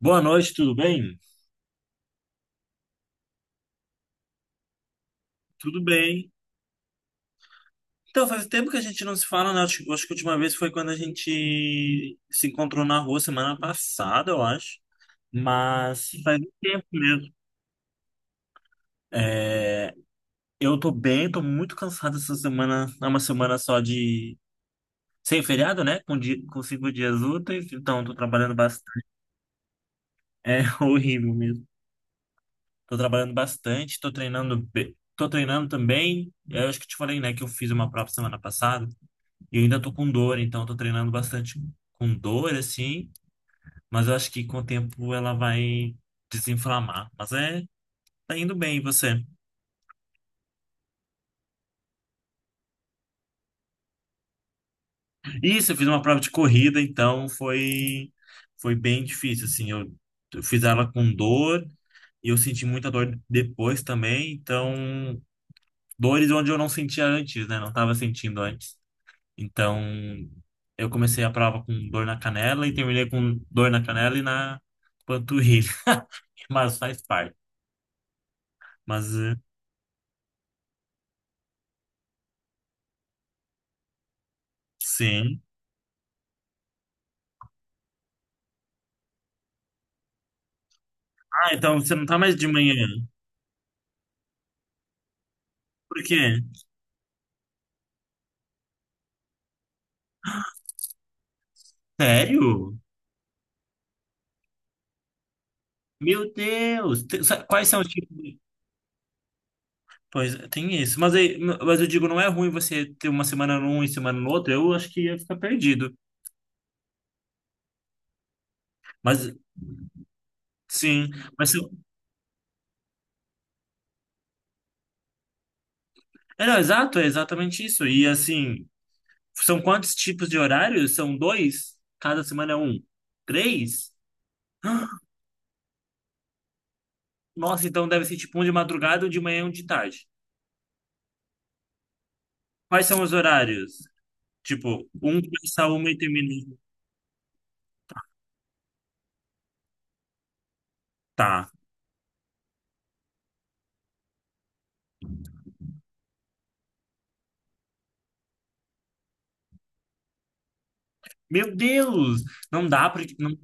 Boa noite, tudo bem? Tudo bem? Então, faz tempo que a gente não se fala, né? Acho que a última vez foi quando a gente se encontrou na rua semana passada, eu acho. Mas faz um tempo mesmo. É, eu tô bem, tô muito cansado essa semana. É uma semana só de... Sem feriado, né? Com 5 dias úteis. Então, tô trabalhando bastante. É horrível mesmo. Tô trabalhando bastante, tô treinando também. Eu acho que te falei, né? Que eu fiz uma prova semana passada. E eu ainda tô com dor, então eu tô treinando bastante com dor, assim, mas eu acho que com o tempo ela vai desinflamar. Mas é, tá indo bem, e você? Isso, eu fiz uma prova de corrida, então foi, foi bem difícil, assim, eu fiz ela com dor e eu senti muita dor depois também, então, dores onde eu não sentia antes, né, não tava sentindo antes. Então, eu comecei a prova com dor na canela e terminei com dor na canela e na panturrilha, mas faz parte. Mas eh, sim. Ah, então você não tá mais de manhã. Por quê? Sério? Meu Deus! Quais são os tipos de... Pois é, tem isso. Mas eu digo, não é ruim você ter uma semana num e semana no outro. Eu acho que ia ficar perdido. Mas sim. Mas se- É, não, exato, é exatamente isso. E assim, são quantos tipos de horários? São dois? Cada semana é um? Três? Nossa, então deve ser tipo um de madrugada, um de manhã e um de tarde. Quais são os horários? Tipo, um começa a uma e termina. Tá. Meu Deus, não dá porque não-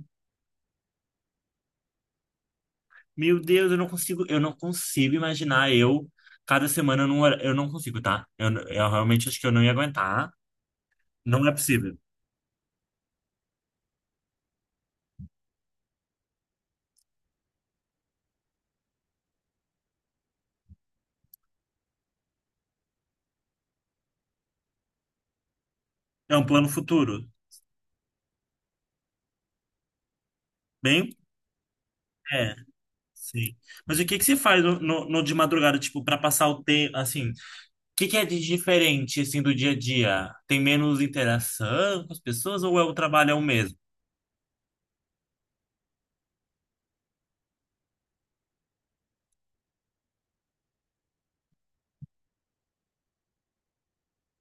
meu Deus, eu não consigo imaginar eu cada semana num hora- eu não consigo, tá? Eu realmente acho que eu não ia aguentar. Não é possível. É um plano futuro. Bem, é, sim. Mas o que que você faz no de madrugada, tipo, para passar o tempo, assim? O que que é de diferente assim do dia a dia? Tem menos interação com as pessoas ou é o trabalho é o mesmo?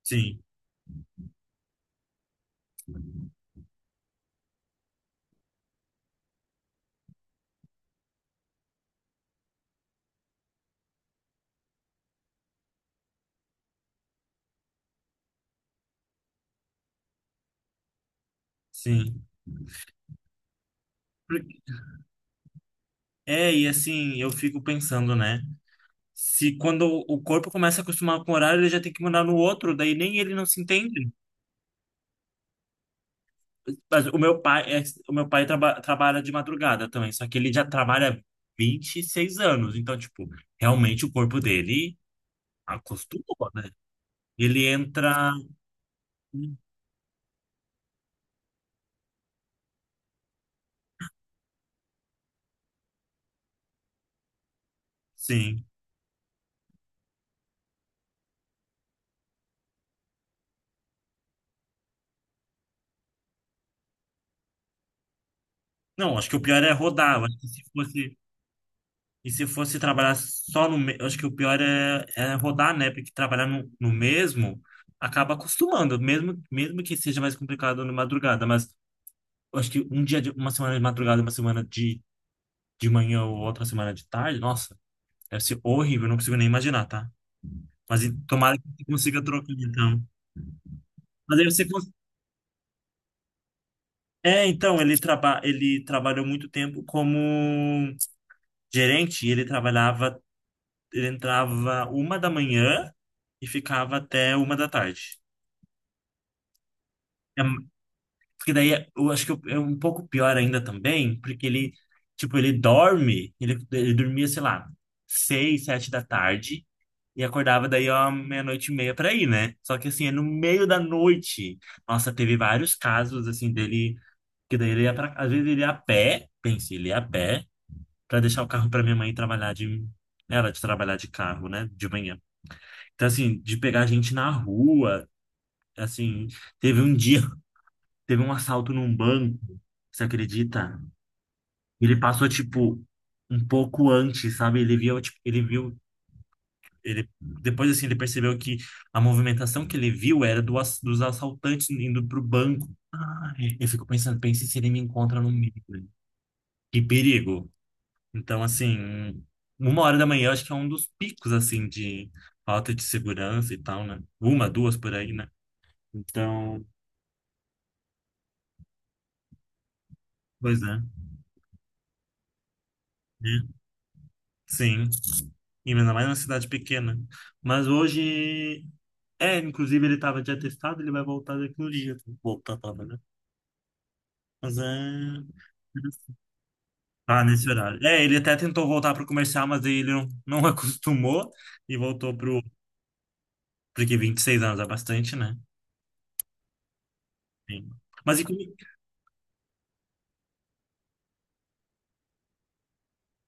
Sim, sim. Por- É, e assim, eu fico pensando, né? Se quando o corpo começa a acostumar com o horário, ele já tem que mudar no outro, daí nem ele não se entende. Mas o meu pai, é, o meu pai trabalha de madrugada também, só que ele já trabalha 26 anos, então, tipo, realmente o corpo dele acostumou, né? Ele entra. Sim. Não, acho que o pior é rodar. Eu acho que se fosse. E se fosse trabalhar só no. me- Eu acho que o pior é, é rodar, né? Porque trabalhar no, no mesmo acaba acostumando, mesmo, mesmo que seja mais complicado na madrugada. Mas eu acho que um dia, de, uma semana de madrugada, uma semana de manhã ou outra semana de tarde, nossa, deve ser horrível, não consigo nem imaginar, tá? Tomara que você consiga trocar, então. Mas aí você... cons- É, então, ele, traba, ele trabalhou muito tempo como gerente, e ele trabalhava, ele entrava 1 da manhã e ficava até 1 da tarde. É, porque daí, eu acho que é um pouco pior ainda também, porque ele, tipo, ele dorme, ele dormia, sei lá, seis, sete da tarde, e acordava daí, ó, meia-noite e meia pra ir, né? Só que assim, é no meio da noite. Nossa, teve vários casos, assim, dele. Que daí ele ia pra... Às vezes ele ia a pé, pense, ele ia a pé, pra deixar o carro pra minha mãe trabalhar de... Ela de trabalhar de carro, né? De manhã. Então, assim, de pegar gente na rua, assim... Teve um dia, teve um assalto num banco, você acredita? Ele passou, tipo, um pouco antes, sabe? Ele viu, tipo, ele viu ele, depois, assim, ele percebeu que a movimentação que ele viu era dos assaltantes indo pro banco. Ai, eu fico pensando, pense se ele me encontra no meio, né? Que perigo. Então, assim, um, 1 hora da manhã, eu acho que é um dos picos, assim, de falta de segurança e tal, né? Uma, duas por aí, né? Então, pois é. Né? Sim. E ainda mais numa cidade pequena. Mas hoje... É, inclusive ele tava de atestado, ele vai voltar daqui no dia. Voltar tava, né? Mas é... Ah, nesse horário. É, ele até tentou voltar pro comercial, mas aí ele não, não acostumou e voltou pro. Porque 26 anos é bastante, né? Sim. Mas e como...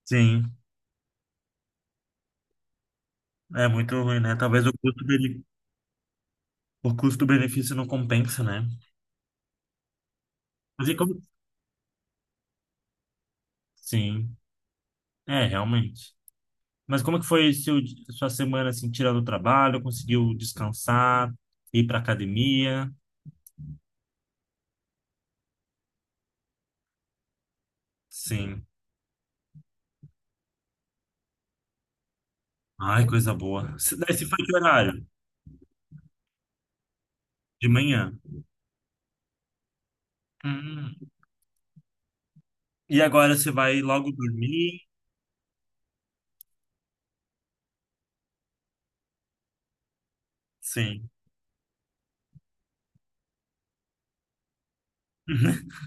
Sim, é muito ruim, né? Talvez o custo-benefício não compensa, né? Mas e como. Sim, é, realmente. Mas como que foi sua semana, assim, tirando o trabalho? Conseguiu descansar, ir pra academia? Sim. Ai, coisa boa. Daí se foi que horário? De manhã. Hum. E agora você vai logo dormir? Sim.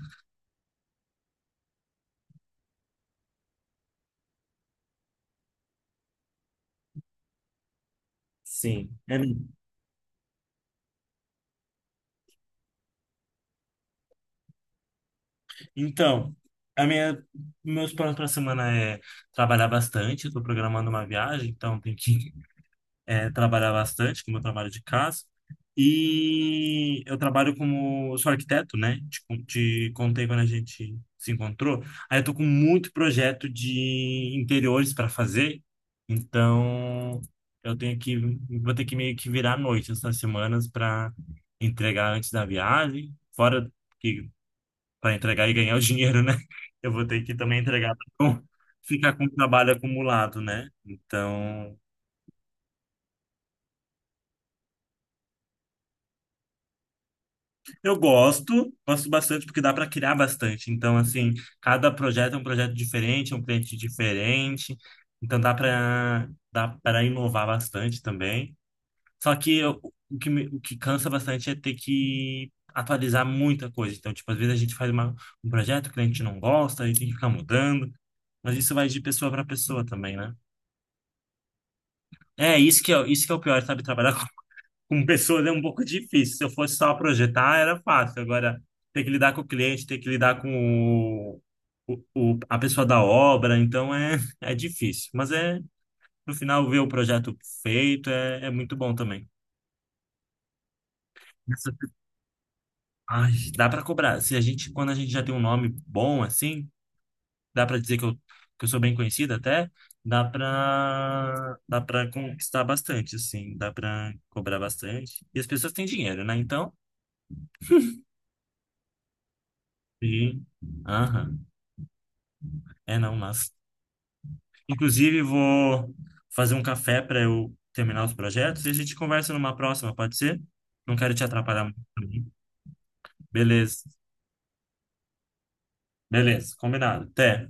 Sim. É, então, a minha, meus planos para a semana é trabalhar bastante. Estou programando uma viagem, então tem que é, trabalhar bastante com o meu trabalho de casa. E eu trabalho como, sou arquiteto, né? Te contei quando a gente se encontrou. Aí eu tô com muito projeto de interiores para fazer, então eu tenho que, vou ter que meio que virar à noite essas semanas para entregar antes da viagem, fora que para entregar e ganhar o dinheiro, né? Eu vou ter que também entregar para ficar com o trabalho acumulado, né? Então. Eu gosto, gosto bastante porque dá para criar bastante. Então, assim, cada projeto é um projeto diferente, é um cliente diferente. Então, dá para inovar bastante também. Só que eu- o que o que cansa bastante é ter que atualizar muita coisa. Então, tipo, às vezes a gente um projeto, o cliente não gosta, aí tem que ficar mudando. Mas isso vai de pessoa para pessoa também, né? É, isso que é o pior, sabe? Trabalhar com pessoas é um pouco difícil. Se eu fosse só projetar, era fácil. Agora, ter que lidar com o cliente, ter que lidar com o, o- a pessoa da obra, então é, é difícil. Mas é, no final, ver o projeto feito é, é muito bom também. Essa- Ai, dá para cobrar. Se a gente, quando a gente já tem um nome bom assim, dá para dizer que eu sou bem conhecido até, dá para conquistar bastante, assim, dá para cobrar bastante. E as pessoas têm dinheiro, né? Então, sim. Aham. É, não, mas. Inclusive, vou fazer um café para eu terminar os projetos e a gente conversa numa próxima, pode ser? Não quero te atrapalhar muito. Também. Beleza, beleza, combinado. Até.